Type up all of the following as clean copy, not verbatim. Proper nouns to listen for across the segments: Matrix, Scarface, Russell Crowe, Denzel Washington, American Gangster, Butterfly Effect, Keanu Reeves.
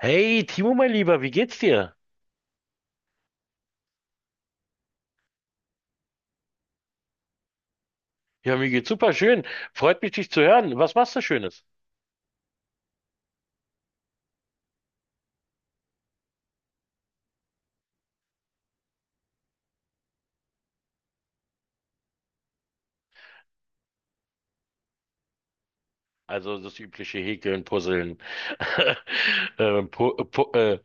Hey, Timo, mein Lieber, wie geht's dir? Ja, mir geht's super schön. Freut mich, dich zu hören. Was machst du Schönes? Also das übliche Häkeln, Puzzeln, Pu Pu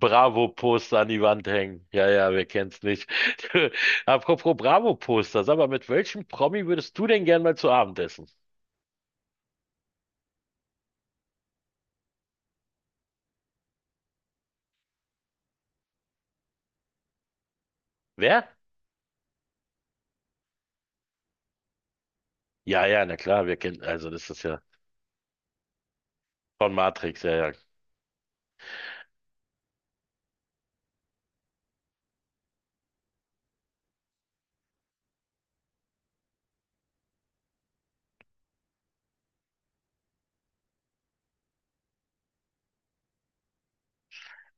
Bravo-Poster an die Wand hängen. Ja, ja, wer kennt's nicht? Apropos Bravo-Poster, sag mal, mit welchem Promi würdest du denn gern mal zu Abend essen? Wer? Ja, ja, na klar, wir kennen, also das ist ja von Matrix, ja, ja.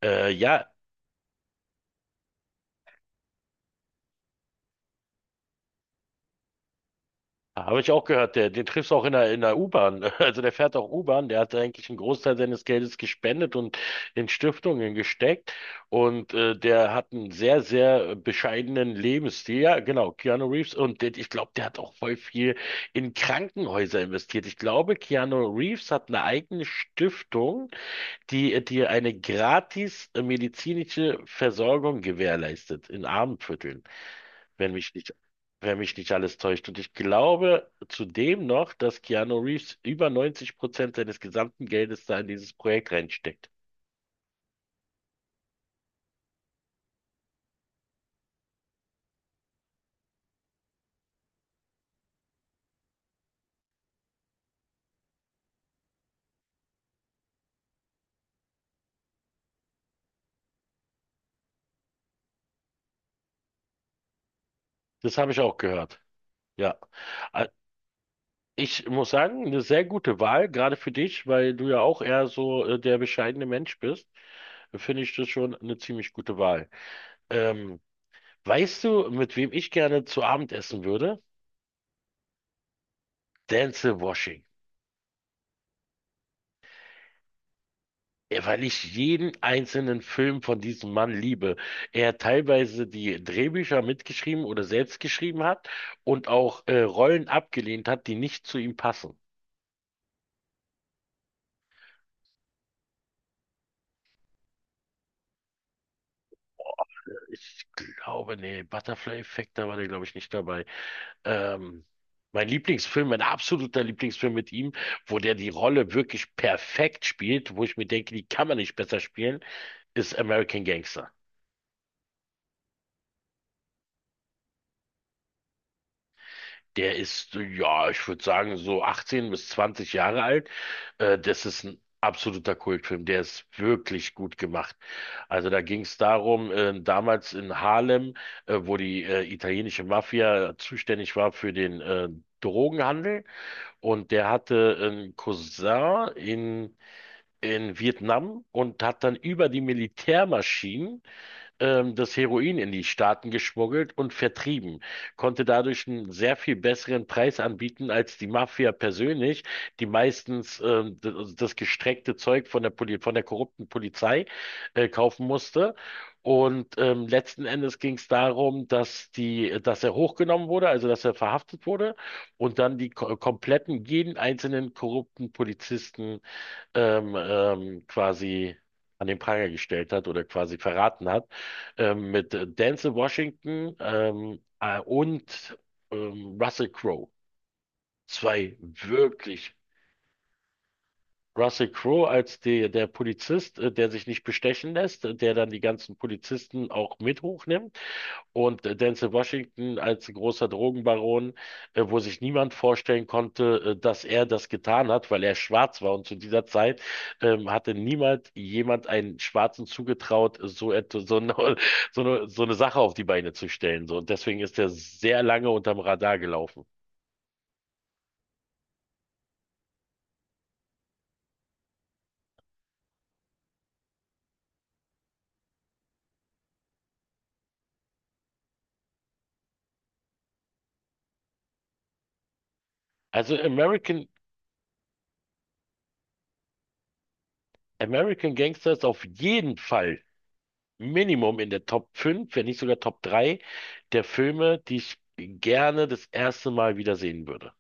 Äh, ja, Habe ich auch gehört, der, den triffst du auch in der U-Bahn. Also der fährt auch U-Bahn, der hat eigentlich einen Großteil seines Geldes gespendet und in Stiftungen gesteckt. Und der hat einen sehr, sehr bescheidenen Lebensstil. Ja, genau, Keanu Reeves. Und der, ich glaube, der hat auch voll viel in Krankenhäuser investiert. Ich glaube, Keanu Reeves hat eine eigene Stiftung, die dir eine gratis medizinische Versorgung gewährleistet in Armenvierteln, wenn mich nicht, wenn mich nicht alles täuscht. Und ich glaube zudem noch, dass Keanu Reeves über 90% seines gesamten Geldes da in dieses Projekt reinsteckt. Das habe ich auch gehört. Ja. Äh, Ich muss sagen, eine sehr gute Wahl, gerade für dich, weil du ja auch eher so der bescheidene Mensch bist, finde ich das schon eine ziemlich gute Wahl. Ähm, weißt du, mit wem ich gerne zu Abend essen würde? Denzel Washington. Ja, weil ich jeden einzelnen Film von diesem Mann liebe. Er teilweise die Drehbücher mitgeschrieben oder selbst geschrieben hat und auch Rollen abgelehnt hat, die nicht zu ihm passen. Ich Butterfly Effect, da war der, glaube ich, nicht dabei. Ähm, mein Lieblingsfilm, mein absoluter Lieblingsfilm mit ihm, wo der die Rolle wirklich perfekt spielt, wo ich mir denke, die kann man nicht besser spielen, ist American Gangster. Der ist, ja, ich würde sagen, so 18 bis 20 Jahre alt. Das ist ein absoluter Kultfilm. Der ist wirklich gut gemacht. Also da ging es darum, damals in Harlem, wo die italienische Mafia zuständig war für den Drogenhandel, und der hatte einen Cousin in Vietnam und hat dann über die Militärmaschinen das Heroin in die Staaten geschmuggelt und vertrieben, konnte dadurch einen sehr viel besseren Preis anbieten als die Mafia persönlich, die meistens also das gestreckte Zeug von der Poli von der korrupten Polizei kaufen musste. Und letzten Endes ging es darum, dass dass er hochgenommen wurde, also dass er verhaftet wurde und dann die ko kompletten, jeden einzelnen korrupten Polizisten quasi an den Pranger gestellt hat oder quasi verraten hat, mit Denzel Washington und Russell Crowe. Zwei wirklich. Russell Crowe als der Polizist, der sich nicht bestechen lässt, der dann die ganzen Polizisten auch mit hochnimmt, und Denzel Washington als großer Drogenbaron, wo sich niemand vorstellen konnte, dass er das getan hat, weil er schwarz war. Und zu dieser Zeit hatte niemand jemand einen Schwarzen zugetraut, so etwas, so eine, so eine Sache auf die Beine zu stellen. So. Und deswegen ist er sehr lange unterm Radar gelaufen. Also American, American Gangster ist auf jeden Fall Minimum in der Top 5, wenn nicht sogar Top 3 der Filme, die ich gerne das erste Mal wiedersehen würde.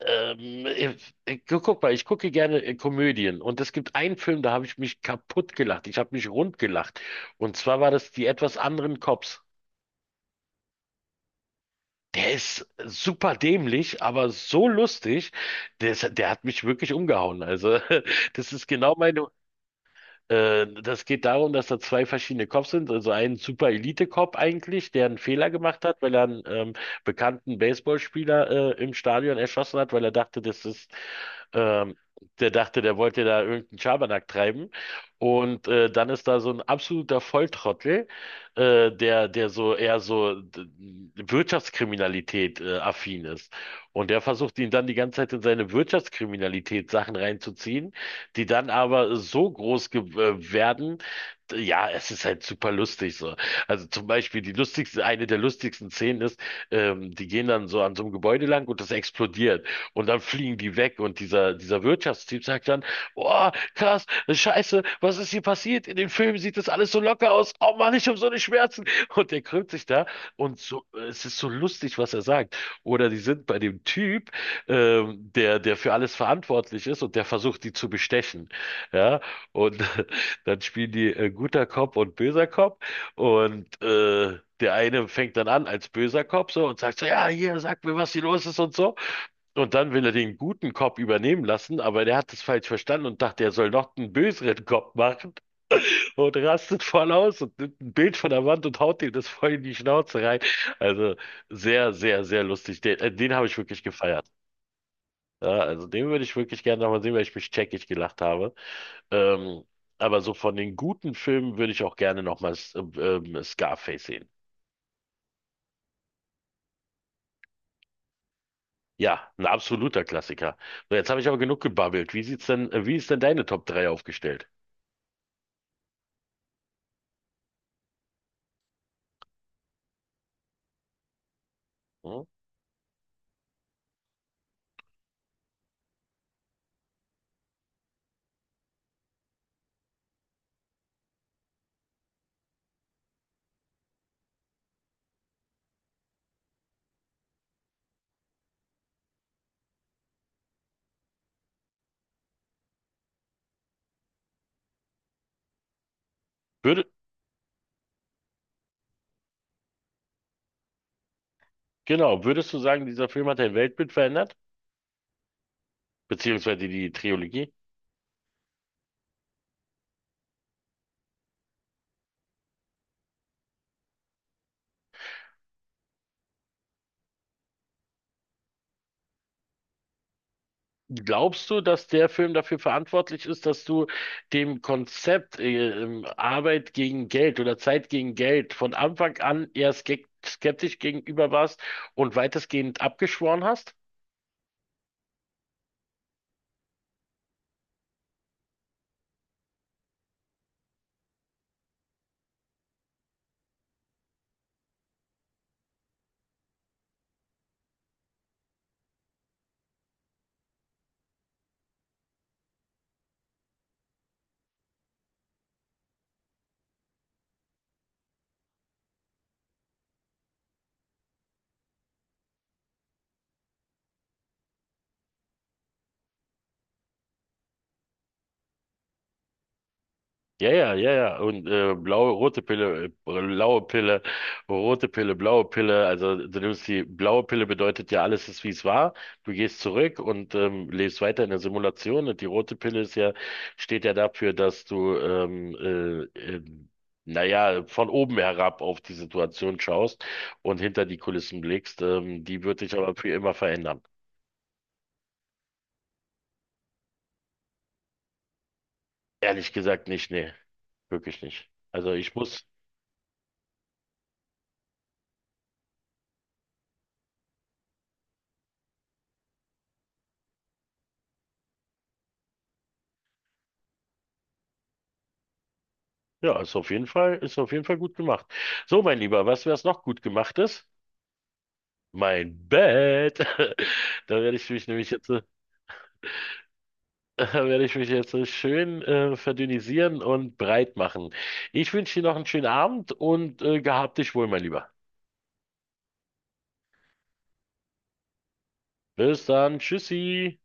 Guck mal, ich gucke gerne Komödien und es gibt einen Film, da habe ich mich kaputt gelacht. Ich habe mich rund gelacht. Und zwar war das die etwas anderen Cops. Der ist super dämlich, aber so lustig. Der hat mich wirklich umgehauen. Also, das ist genau meine. Das geht darum, dass da zwei verschiedene Cops sind. Also ein Super Elite-Cop eigentlich, der einen Fehler gemacht hat, weil er einen bekannten Baseballspieler im Stadion erschossen hat, weil er dachte, ähm, der dachte, der wollte da irgendeinen Schabernack treiben. Und dann ist da so ein absoluter Volltrottel, der so eher so Wirtschaftskriminalität affin ist. Und der versucht ihn dann die ganze Zeit in seine Wirtschaftskriminalität Sachen reinzuziehen, die dann aber so groß ge werden, ja, es ist halt super lustig so. Also zum Beispiel eine der lustigsten Szenen ist, die gehen dann so an so einem Gebäude lang und das explodiert und dann fliegen die weg und dieser Wirtschaftstyp sagt dann, oh, krass, scheiße, was ist hier passiert? In den Filmen sieht das alles so locker aus. Oh Mann, ich habe so eine Schmerzen. Und der krümmt sich da und so, es ist so lustig, was er sagt. Oder die sind bei dem Typ, der für alles verantwortlich ist und der versucht, die zu bestechen. Ja, und dann spielen die guter Cop und böser Cop und der eine fängt dann an als böser Cop so und sagt so, ja, hier, sag mir, was hier los ist und so. Und dann will er den guten Cop übernehmen lassen, aber der hat es falsch verstanden und dachte, er soll noch einen böseren Cop machen und rastet voll aus und nimmt ein Bild von der Wand und haut ihm das voll in die Schnauze rein. Also sehr, sehr, sehr lustig. Den habe ich wirklich gefeiert. Ja, also den würde ich wirklich gerne nochmal sehen, weil ich mich checkig gelacht habe. Ähm, aber so von den guten Filmen würde ich auch gerne nochmal Scarface sehen. Ja, ein absoluter Klassiker. So, jetzt habe ich aber genug gebabbelt. Wie ist denn deine Top drei aufgestellt? Hm? Würde, genau, würdest du sagen, dieser Film hat dein Weltbild verändert? Beziehungsweise die Trilogie? Glaubst du, dass der Film dafür verantwortlich ist, dass du dem Konzept Arbeit gegen Geld oder Zeit gegen Geld von Anfang an eher skeptisch gegenüber warst und weitestgehend abgeschworen hast? Ja, ja, ja, ja. Und blaue Pille, rote Pille, blaue Pille. Also du nimmst die blaue Pille bedeutet ja, alles ist wie es war. Du gehst zurück und lebst weiter in der Simulation. Und die rote Pille steht ja dafür, dass du äh, äh, naja, von oben herab auf die Situation schaust und hinter die Kulissen blickst. Die wird dich aber für immer verändern. Ehrlich gesagt nicht, nee, wirklich nicht. Also ich muss. Ja, ist auf jeden Fall gut gemacht. So, mein Lieber, weißt du, was noch gut gemacht ist? Mein Bett. Da werde ich mich nämlich jetzt, da werde ich mich jetzt schön verdünnisieren und breit machen. Ich wünsche dir noch einen schönen Abend und gehab dich wohl, mein Lieber. Bis dann. Tschüssi.